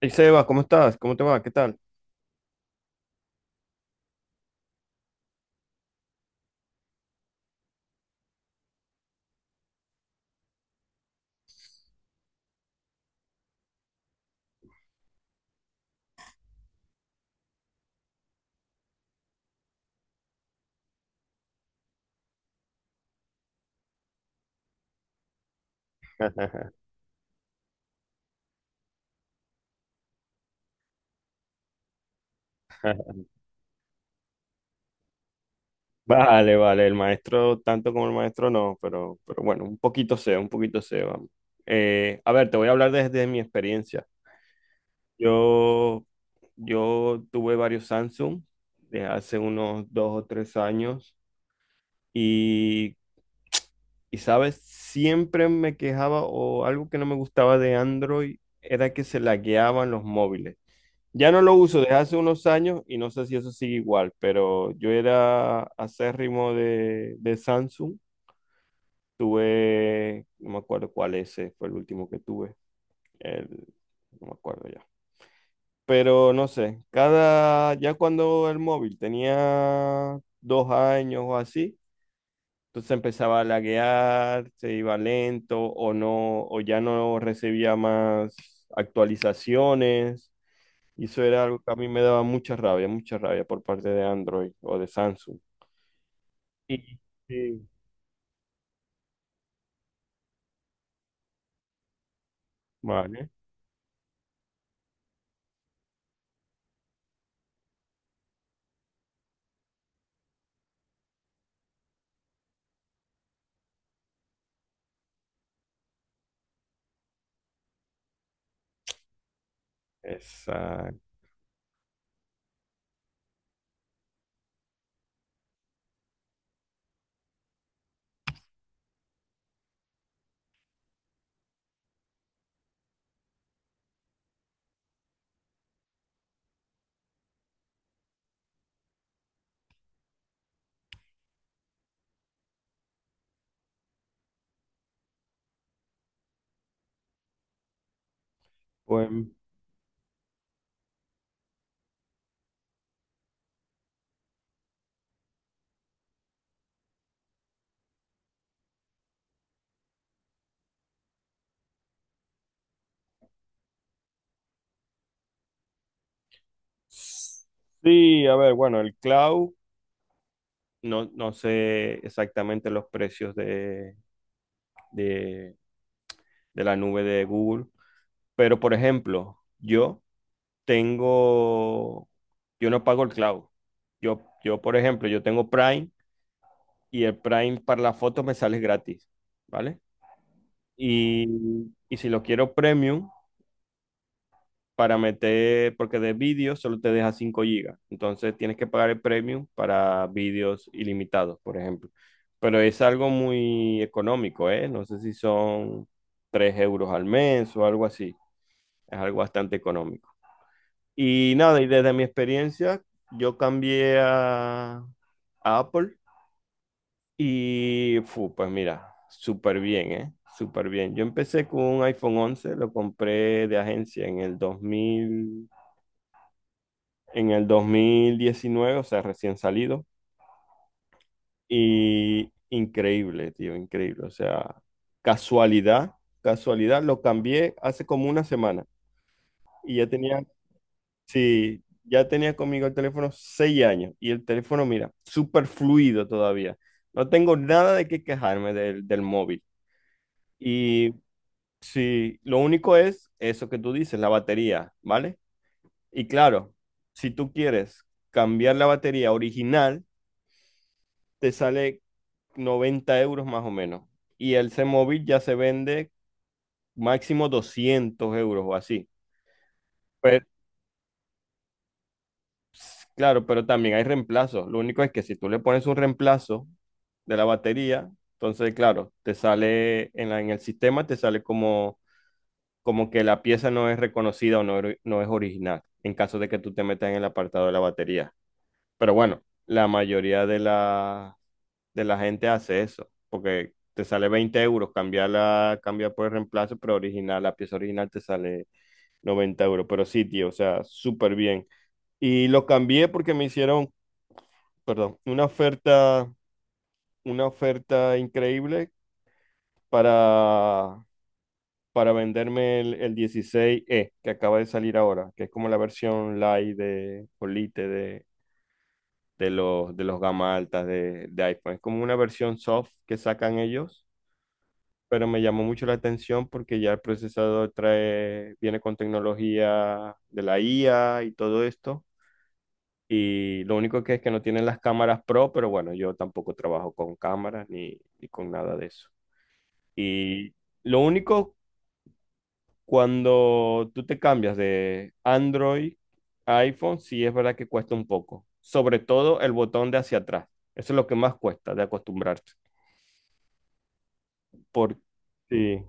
Hey Seba, ¿cómo estás? ¿Cómo te va? ¿Qué tal? Vale, vale, el maestro, tanto como el maestro, no, pero bueno, un poquito sé, vamos. A ver, te voy a hablar desde mi experiencia. Yo, yo tuve varios Samsung de hace unos dos o tres años y, y, ¿sabes? Siempre me quejaba o algo que no me gustaba de Android era que se lagueaban los móviles. Ya no lo uso desde hace unos años y no sé si eso sigue igual, pero yo era acérrimo de Samsung. Tuve, no me acuerdo cuál ese fue el último que tuve. El, no me acuerdo ya. Pero no sé, cada, ya cuando el móvil tenía dos años o así, entonces empezaba a laguear, se iba lento o no, o ya no recibía más actualizaciones. Y eso era algo que a mí me daba mucha rabia por parte de Android o de Samsung. Y... Sí. Vale, exacto. Pues, sí, a ver, bueno, el cloud, no, no sé exactamente los precios de, de la nube de Google, pero por ejemplo, yo tengo, yo no pago el cloud. Yo, por ejemplo, yo tengo Prime y el Prime para las fotos me sale gratis, ¿vale? Y, y si lo quiero premium, para meter, porque de vídeo solo te deja 5 gigas. Entonces tienes que pagar el premium para vídeos ilimitados, por ejemplo. Pero es algo muy económico, ¿eh? No sé si son 3 euros al mes o algo así. Es algo bastante económico. Y nada, y desde mi experiencia, yo cambié a Apple. Y fu, pues mira, súper bien, ¿eh? Súper bien. Yo empecé con un iPhone 11, lo compré de agencia en el 2019, o sea, recién salido. Y increíble, tío, increíble. O sea, casualidad, casualidad, lo cambié hace como una semana. Y ya tenía, sí, ya tenía conmigo el teléfono 6 años. Y el teléfono, mira, súper fluido todavía. No tengo nada de qué quejarme del móvil. Y sí, lo único es eso que tú dices, la batería, ¿vale? Y claro, si tú quieres cambiar la batería original, te sale 90 euros más o menos. Y el C-Móvil ya se vende máximo 200 euros o así. Pero, claro, pero también hay reemplazos. Lo único es que si tú le pones un reemplazo de la batería, entonces, claro, te sale en el sistema, te sale como que la pieza no es reconocida o no, no es original, en caso de que tú te metas en el apartado de la batería. Pero bueno, la mayoría de la gente hace eso, porque te sale 20 euros, cambiar cambiar por el reemplazo, pero original, la pieza original te sale 90 euros. Pero sí, tío, o sea, súper bien. Y lo cambié porque me hicieron, perdón, una oferta increíble para venderme el 16E que acaba de salir ahora, que es como la versión light de Polite de los gama altas de iPhone. Es como una versión soft que sacan ellos, pero me llamó mucho la atención porque ya el procesador trae, viene con tecnología de la IA y todo esto. Y lo único que es que no tienen las cámaras pro, pero bueno, yo tampoco trabajo con cámaras ni con nada de eso. Y lo único, cuando tú te cambias de Android a iPhone, sí es verdad que cuesta un poco. Sobre todo el botón de hacia atrás. Eso es lo que más cuesta de acostumbrarte. Por... Sí,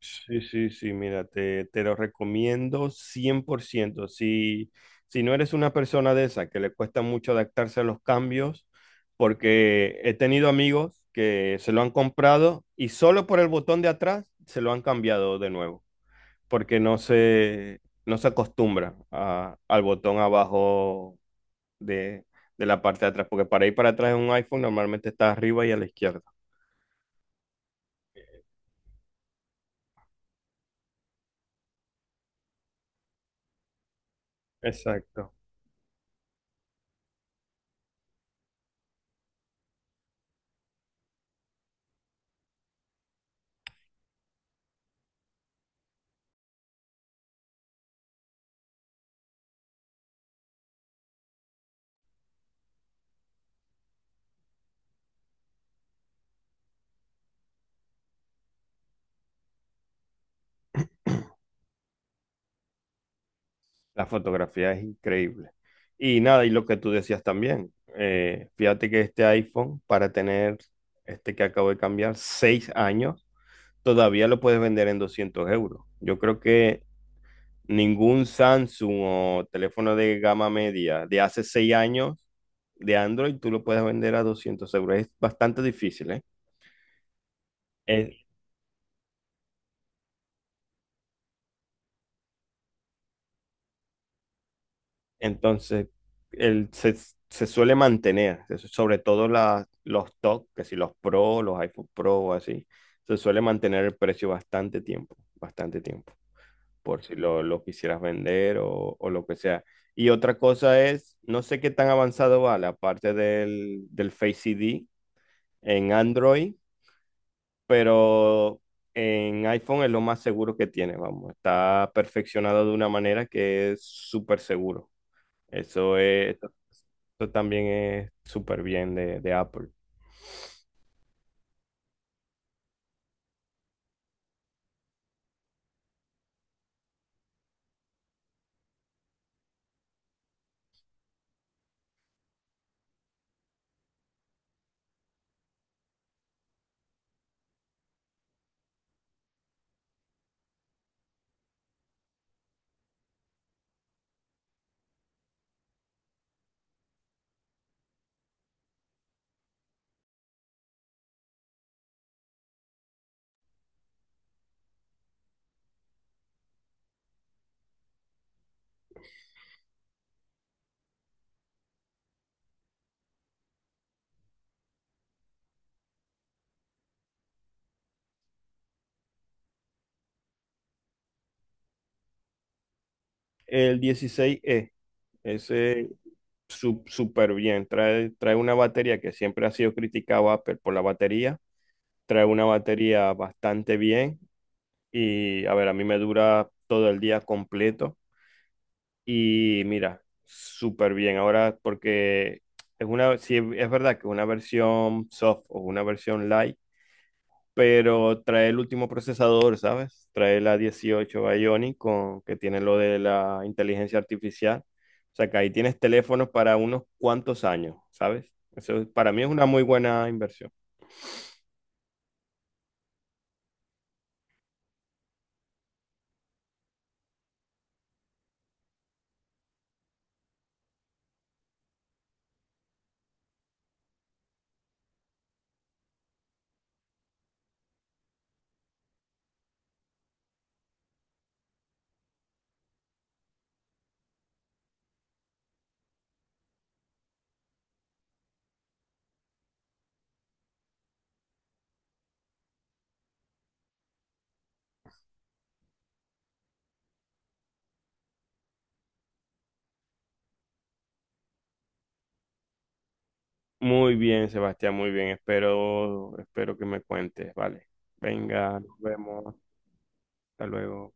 sí, mira, te lo recomiendo 100%. Si, si no eres una persona de esa que le cuesta mucho adaptarse a los cambios, porque he tenido amigos que se lo han comprado y solo por el botón de atrás se lo han cambiado de nuevo. Porque no se acostumbra a- al botón abajo de, de la parte de atrás, porque para ir para atrás en un iPhone normalmente está arriba y a la izquierda. Exacto. La fotografía es increíble. Y nada, y lo que tú decías también, fíjate que este iPhone, para tener este que acabo de cambiar, 6 años, todavía lo puedes vender en 200 euros. Yo creo que ningún Samsung o teléfono de gama media de hace 6 años de Android, tú lo puedes vender a 200 euros. Es bastante difícil, ¿eh? Es- entonces, el, se, se suele mantener, sobre todo los top, que si los Pro, los iPhone Pro o así, se suele mantener el precio bastante tiempo, por si lo quisieras vender o lo que sea. Y otra cosa es, no sé qué tan avanzado va la parte del Face ID en Android, pero en iPhone es lo más seguro que tiene, vamos, está perfeccionado de una manera que es súper seguro. Eso es, esto, Esto también es súper bien de Apple. El 16E, ese súper bien, trae, trae una batería que siempre ha sido criticado Apple por la batería, trae una batería bastante bien y, a ver, a mí me dura todo el día completo. Y mira, súper bien. Ahora, porque es una, sí, es verdad que es una versión soft o una versión light, pero trae el último procesador, ¿sabes? Trae la 18 Bionic con, que tiene lo de la inteligencia artificial. O sea que ahí tienes teléfonos para unos cuantos años, ¿sabes? Eso para mí es una muy buena inversión. Muy bien, Sebastián, muy bien. Espero, espero que me cuentes. Vale. Venga, nos vemos. Hasta luego.